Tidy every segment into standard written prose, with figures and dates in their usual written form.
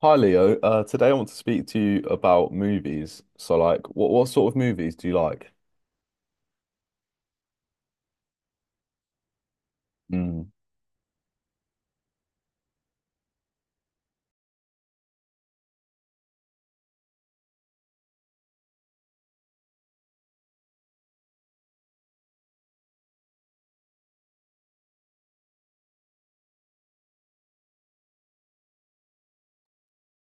Hi Leo, today I want to speak to you about movies. So, like, what sort of movies do you like? Mm,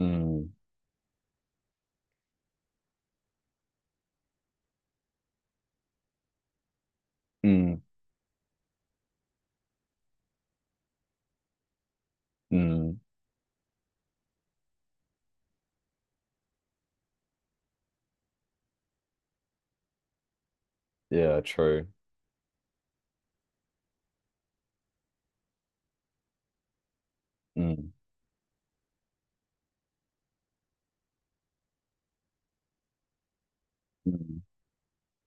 mm, mm, mm. Yeah, true. Mm, mm.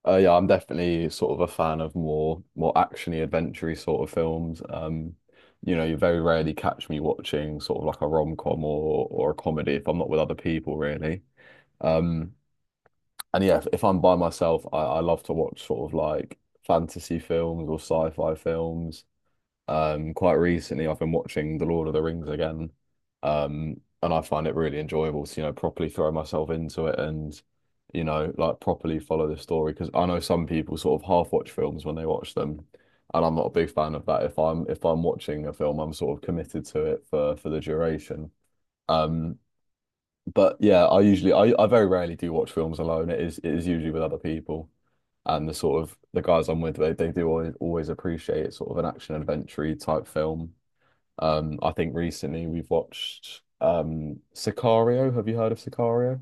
Yeah, I'm definitely sort of a fan of more actiony, adventure sort of films. You know, you very rarely catch me watching sort of like a rom-com or a comedy if I'm not with other people, really. Um, and yeah, if I'm by myself, I love to watch sort of like fantasy films or sci-fi films. Quite recently, I've been watching The Lord of the Rings again, and I find it really enjoyable to, you know, properly throw myself into it and, you know, like properly follow the story. Because I know some people sort of half watch films when they watch them, and I'm not a big fan of that. If I'm watching a film, I'm sort of committed to it for the duration. Um, but yeah, I usually I very rarely do watch films alone. It is usually with other people. And the sort of the guys I'm with, they do always, always appreciate sort of an action adventure type film. I think recently we've watched Sicario. Have you heard of Sicario?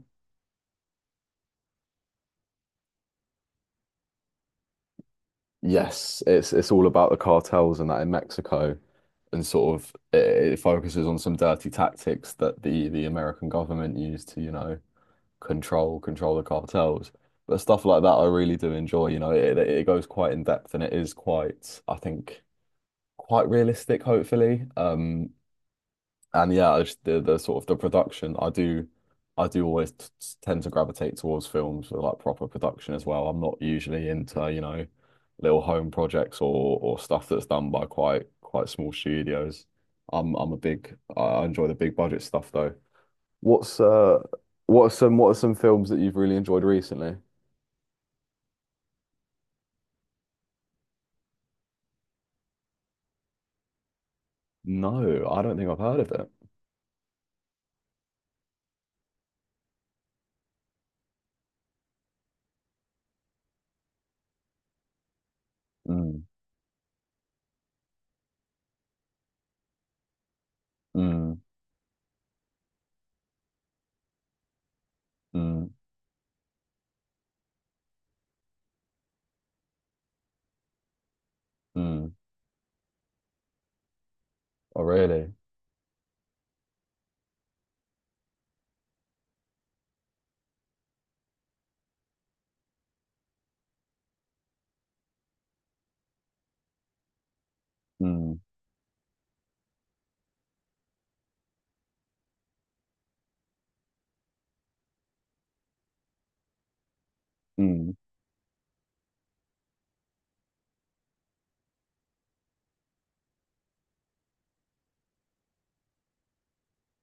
Yes, it's all about the cartels and that in Mexico, and it focuses on some dirty tactics that the American government used to, you know, control the cartels. But stuff like that, I really do enjoy. You know, it goes quite in depth and it is quite, I think, quite realistic, hopefully. And yeah, I just, the sort of the production, I do always tend to gravitate towards films with like proper production as well. I'm not usually into, you know, little home projects or stuff that's done by quite small studios. I'm a big, I enjoy the big budget stuff though. What's uh what are some what are some films that you've really enjoyed recently? No, I don't think I've heard of it. Mm, mm, mm, mm. Oh, really? Mm, mm.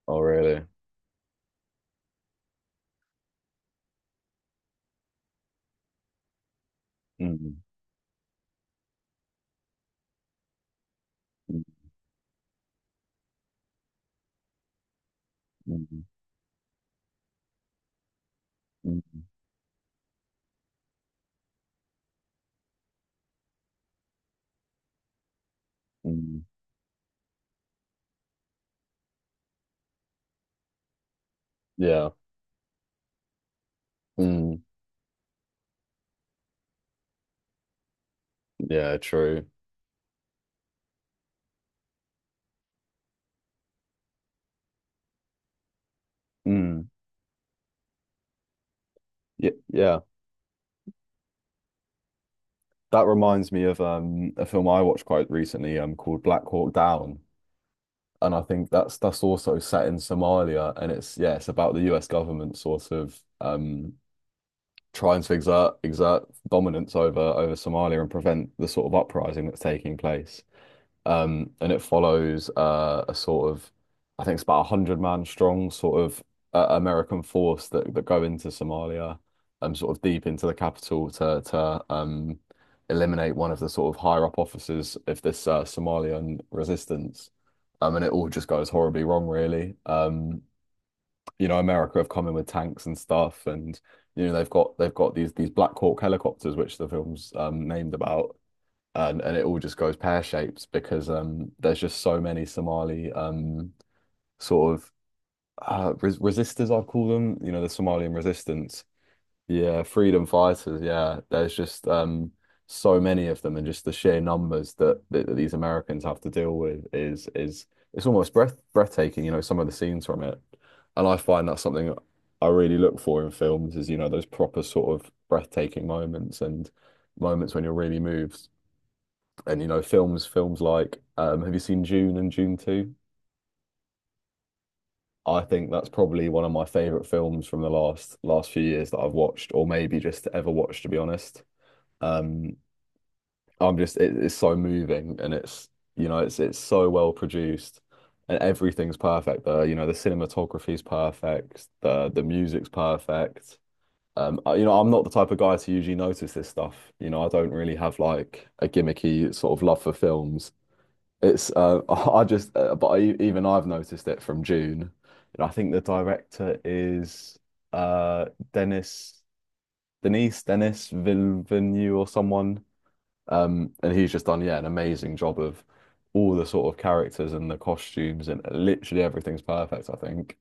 Oh, really? Mm, mm, mm, mm, mm. Yeah. Mm, yeah, true. Mm. Yeah, yeah. That reminds me of a film I watched quite recently called Black Hawk Down. And I think that's also set in Somalia and it's yeah, it's about the US government sort of trying to exert dominance over over Somalia and prevent the sort of uprising that's taking place. And it follows a sort of, I think it's about 100 man strong sort of American force that that go into Somalia, sort of deep into the capital to eliminate one of the sort of higher up officers of this Somalian resistance. And it all just goes horribly wrong, really. You know, America have come in with tanks and stuff, and you know they've got these Black Hawk helicopters, which the film's named about, and it all just goes pear-shaped because there's just so many Somali sort of resistors, I'd call them. You know, the Somalian resistance yeah, freedom fighters. Yeah, there's just so many of them, and just the sheer numbers that, that these Americans have to deal with is it's almost breathtaking. You know, some of the scenes from it, and I find that's something I really look for in films is you know those proper sort of breathtaking moments and moments when you're really moved. And you know, films like have you seen June and June 2? I think that's probably one of my favorite films from the last few years that I've watched, or maybe just ever watched, to be honest. Um, I'm just it, it's so moving and it's you know it's so well produced and everything's perfect. The you know the cinematography's perfect. The music's perfect. You know I'm not the type of guy to usually notice this stuff. You know I don't really have like a gimmicky sort of love for films. It's I just but I, even I've noticed it from June. You know I think the director is uh Dennis Dennis Villeneuve or someone. And he's just done, yeah, an amazing job of all the sort of characters and the costumes and literally everything's perfect, I think.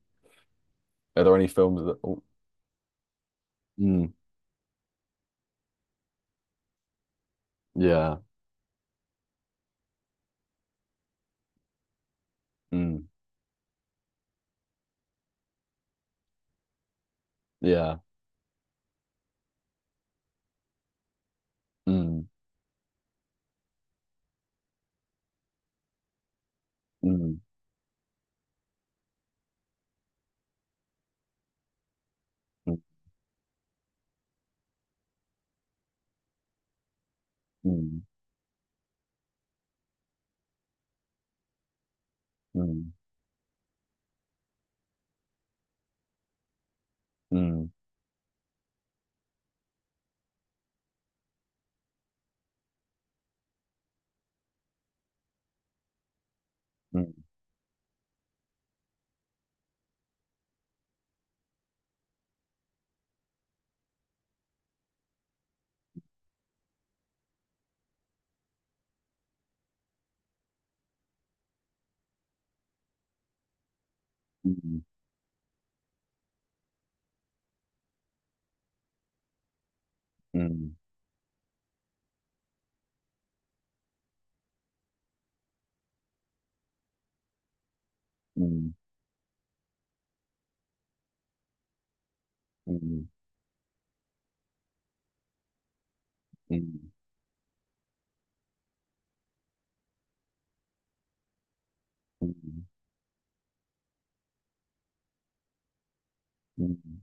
Are there any films that oh, mm, yeah, mm, yeah, mm, mm, mm, mm, mm, mm, mm, mm, mm, mm, mm, mm, mm, mm,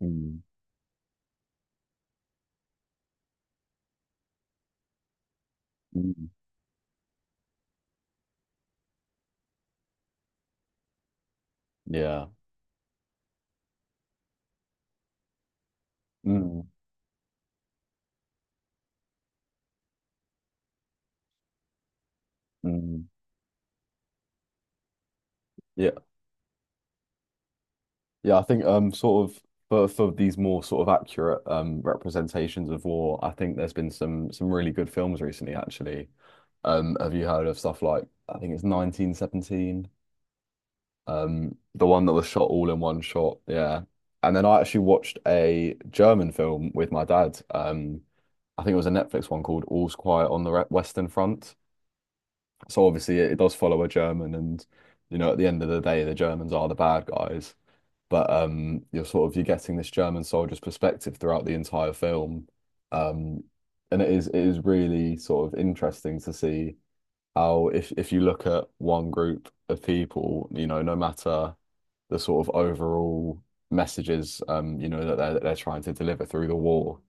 mm, mm, yeah. Mm, mm, yeah. Yeah, I think sort of for these more sort of accurate representations of war, I think there's been some really good films recently actually. Have you heard of stuff like I think it's 1917, the one that was shot all in one shot, yeah. And then I actually watched a German film with my dad. I think it was a Netflix one called All's Quiet on the Western Front. So obviously it does follow a German and you know at the end of the day the Germans are the bad guys. But you're sort of you're getting this German soldier's perspective throughout the entire film. Um, and it is really sort of interesting to see how if you look at one group of people, you know, no matter the sort of overall messages, you know, that they're trying to deliver through the war,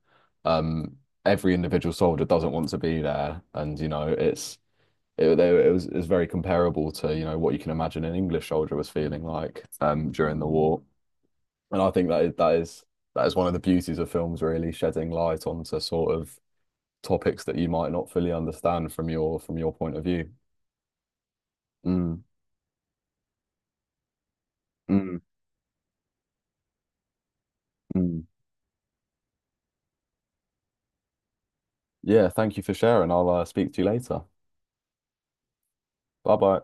um, every individual soldier doesn't want to be there, and you know, it, it was very comparable to, you know, what you can imagine an English soldier was feeling like during the war. And I think that is that is one of the beauties of films, really shedding light onto sort of topics that you might not fully understand from your point of view. Mm, mm, mm. Yeah, thank you for sharing. I'll speak to you later. Bye bye.